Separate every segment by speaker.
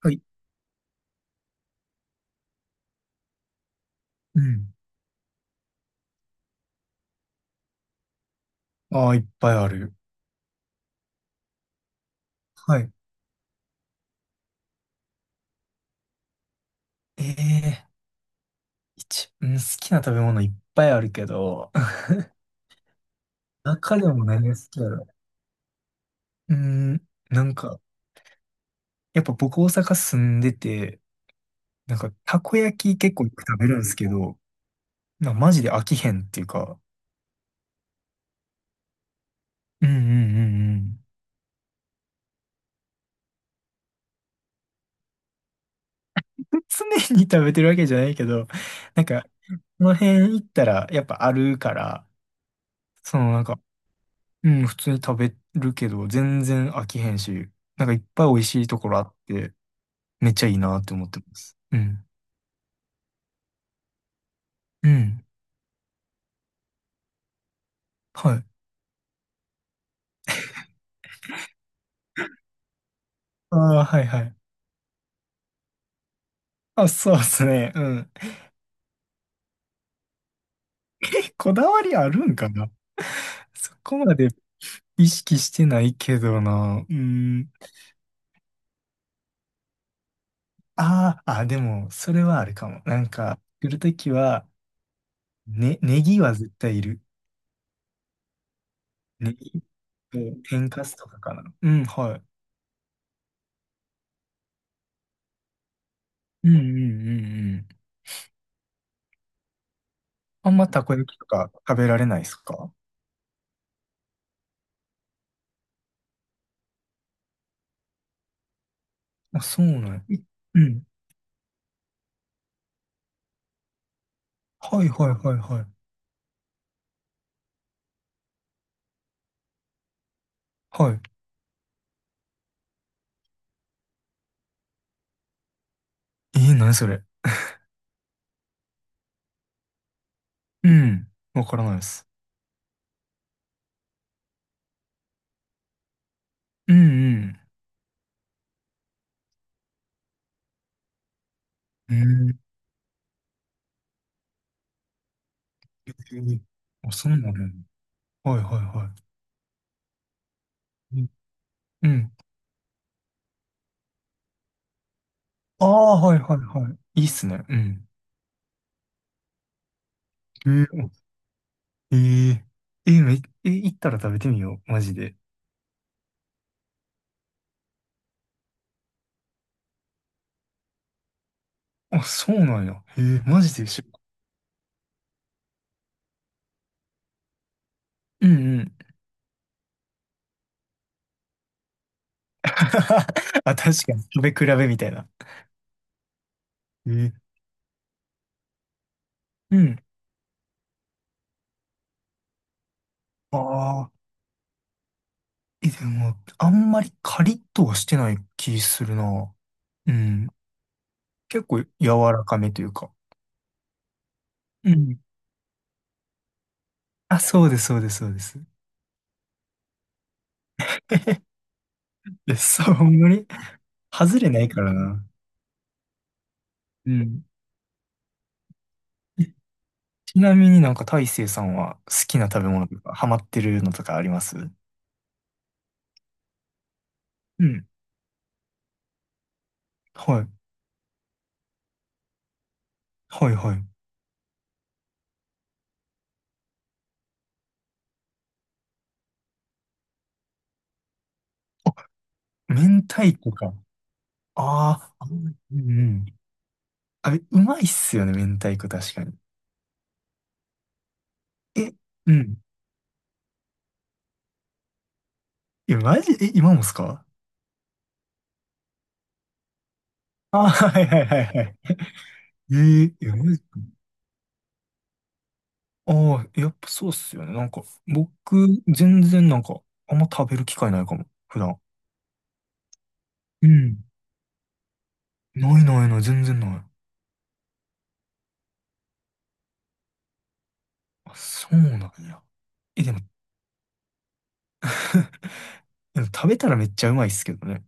Speaker 1: はい。うん。ああ、いっぱいある。はい。ええ一、うん、好きな食べ物いっぱいあるけど、中でも何が好きだろう。うん、なんか、やっぱ僕大阪住んでて、なんか、たこ焼き結構よく食べるんですけど、なんかマジで飽きへんっていうか、うんうんうんうん。常に食べてるわけじゃないけど、なんか、この辺行ったらやっぱあるから、そのなんか、うん、普通に食べるけど、全然飽きへんし、なんかいっぱい美味しいところあって、めっちゃいいなって思ってます。うん。うん。はい。ああ、はいはい。あ、そうですね。うん。こだわりあるんかな。 そこまで意識してないけどな。うん。ああ、あ、でも、それはあるかも。なんか、来るときは、ね、ネギは絶対いる。ネギと天かすとかかな。うん、はい。うんうんうんうん。あんまたこ焼きとか食べられないですか？あ、そうなんや。うん。はいはいはいはい。はい。えー、何それ。うん。わからないです。うんうん。うん。えー、あ、そうなの？はいはいはい。うん。ああ、はいはいはい。いいっすね。うん。えー、えー、えー、めえー、行ったら食べてみよう。マジで。あ、そうなんや。えー、マジで一緒。うんうん。あ、確かに。食べ比べみたいな。えー、うん。ああ。え、でも、あんまりカリッとはしてない気するな。うん。結構柔らかめというか。うん。あ、そうです、そうです、そうです。え、そう、ほんまに外れないからな。うん。えちなみになんか大成さんは好きな食べ物とか、ハマってるのとかあります？うん。はい。はい、はい。あ、明太子か。ああ、あ、うんうん。あれ、うまいっすよね、明太子確かに。え、うん。え、マジ、え、今もっすか？あ、はいはいはいはい。ええ、えぐい、ああ、やっぱそうっすよね。なんか、僕、全然なんか、あんま食べる機会ないかも、普段。うん。ないないない、全然ない。あ、そうなんや。え、でも、でも食べたらめっちゃうまいっすけどね。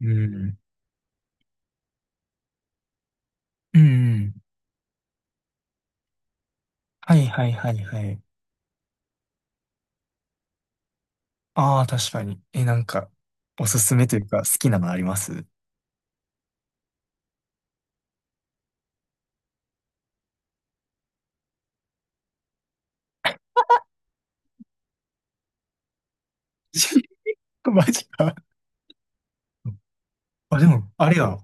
Speaker 1: うん。うん。はいはいはいはい。ああ、確かに。え、なんか、おすすめというか、好きなのあります？ マジか。あ、でも、あれや。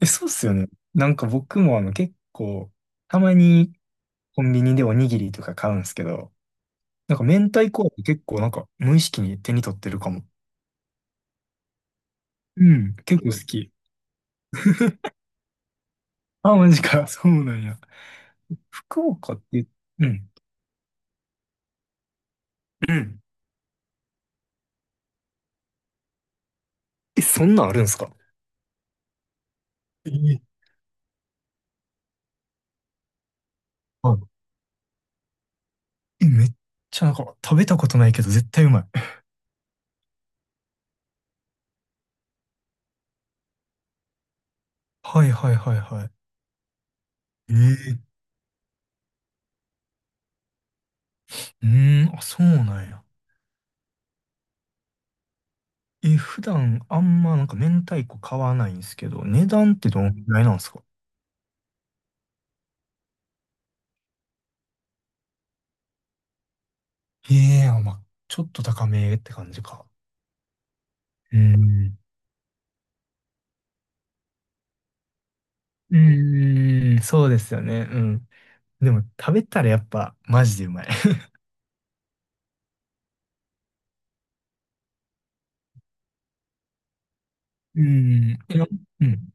Speaker 1: え、そうっすよね。なんか僕もあの結構、たまにコンビニでおにぎりとか買うんですけど、なんか明太子って結構なんか無意識に手に取ってるかも。うん、結構好き。あ、マジか。そうなんや。福岡って、うん。うん。え、そんなんあるんすか？ええ、はい。え、めっちゃなんか食べたことないけど絶対うまい。はいはいはいはい。ええ、うーん、あ、そうなんや。え、普段あんまなんか明太子買わないんですけど、値段ってどんぐらいなんですか？ええ、あ、まあ、ちょっと高めって感じか。うん。うん、そうですよね。うん。でも、食べたらやっぱ、マジでうまい。うん。いや、うん。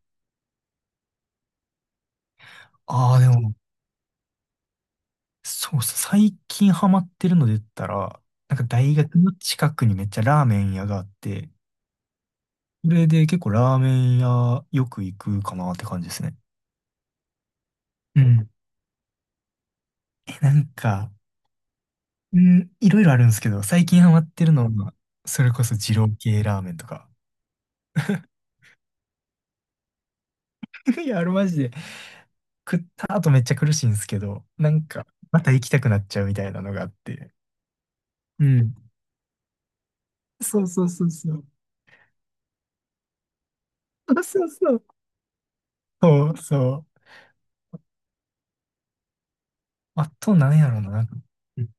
Speaker 1: ああ、でも、そうそう、最近ハマってるので言ったら、なんか大学の近くにめっちゃラーメン屋があって、それで結構ラーメン屋よく行くかなって感じですね。うん。え、なんか、うん、いろいろあるんですけど、最近ハマってるのは、それこそ二郎系ラーメンとか。いや、あれマジで、食った後めっちゃ苦しいんですけど、なんか、また行きたくなっちゃうみたいなのがあって。うん。そうそうそうそう。そうそうそう。そうそう。あと、なんやろうな。なんか、うん、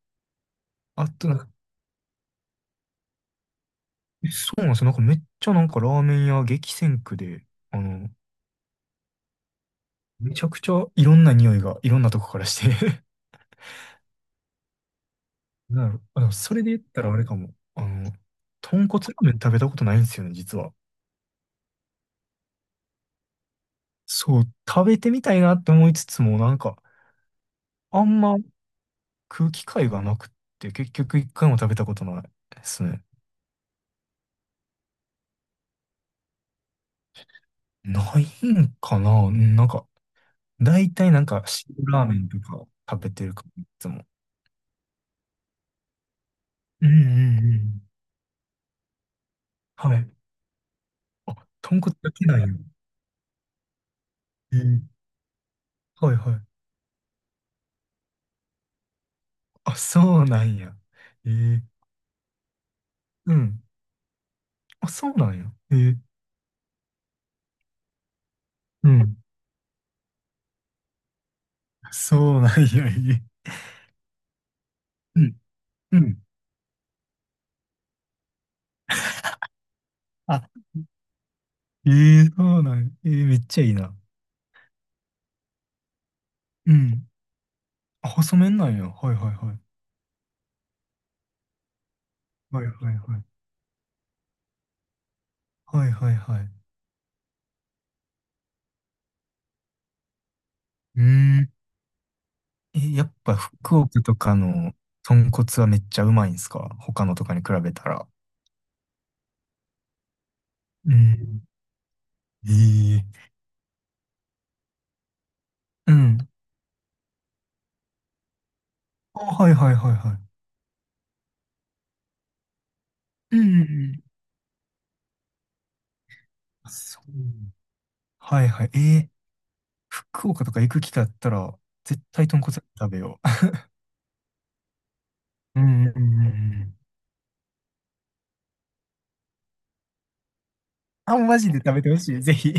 Speaker 1: あと、なんか、そうなんですよ。なんかめっちゃなんかラーメン屋激戦区で、あの、めちゃくちゃいろんな匂いがいろんなとこからして なんやろ。 あ、でもそれで言ったらあれかも。あの、豚骨ラーメン食べたことないんですよね、実は。そう、食べてみたいなって思いつつも、なんか、あんま食う機会がなくって結局一回も食べたことないですね。ないんかな、うん、なんか、大体なんか塩ラーメンとか食べてるかも、いつも。うんうんうん。はい。あ、豚骨だけなんや。えー、はいはい。あ、そうなんや。えー、うん。あ、そうなんや。えー、うん。そうなんや。えー、うん。うん。あ、えー、そうなんや。えー、めっちゃいいな。うん。あ、細麺なんや。はいはいはい。はいはいはい。はいはいはい。うーん。え、やっぱ福岡とかの豚骨はめっちゃうまいんすか？他のとかに比べたら。うん。ええ。うん。あ、はいはいはいはい。うんうんうん、あ、そう。はいはい。ええ、福岡とか行く機会あったら、絶対豚骨食べよう。うん。うんうんうん。あ、マジで食べてほしい。ぜひ。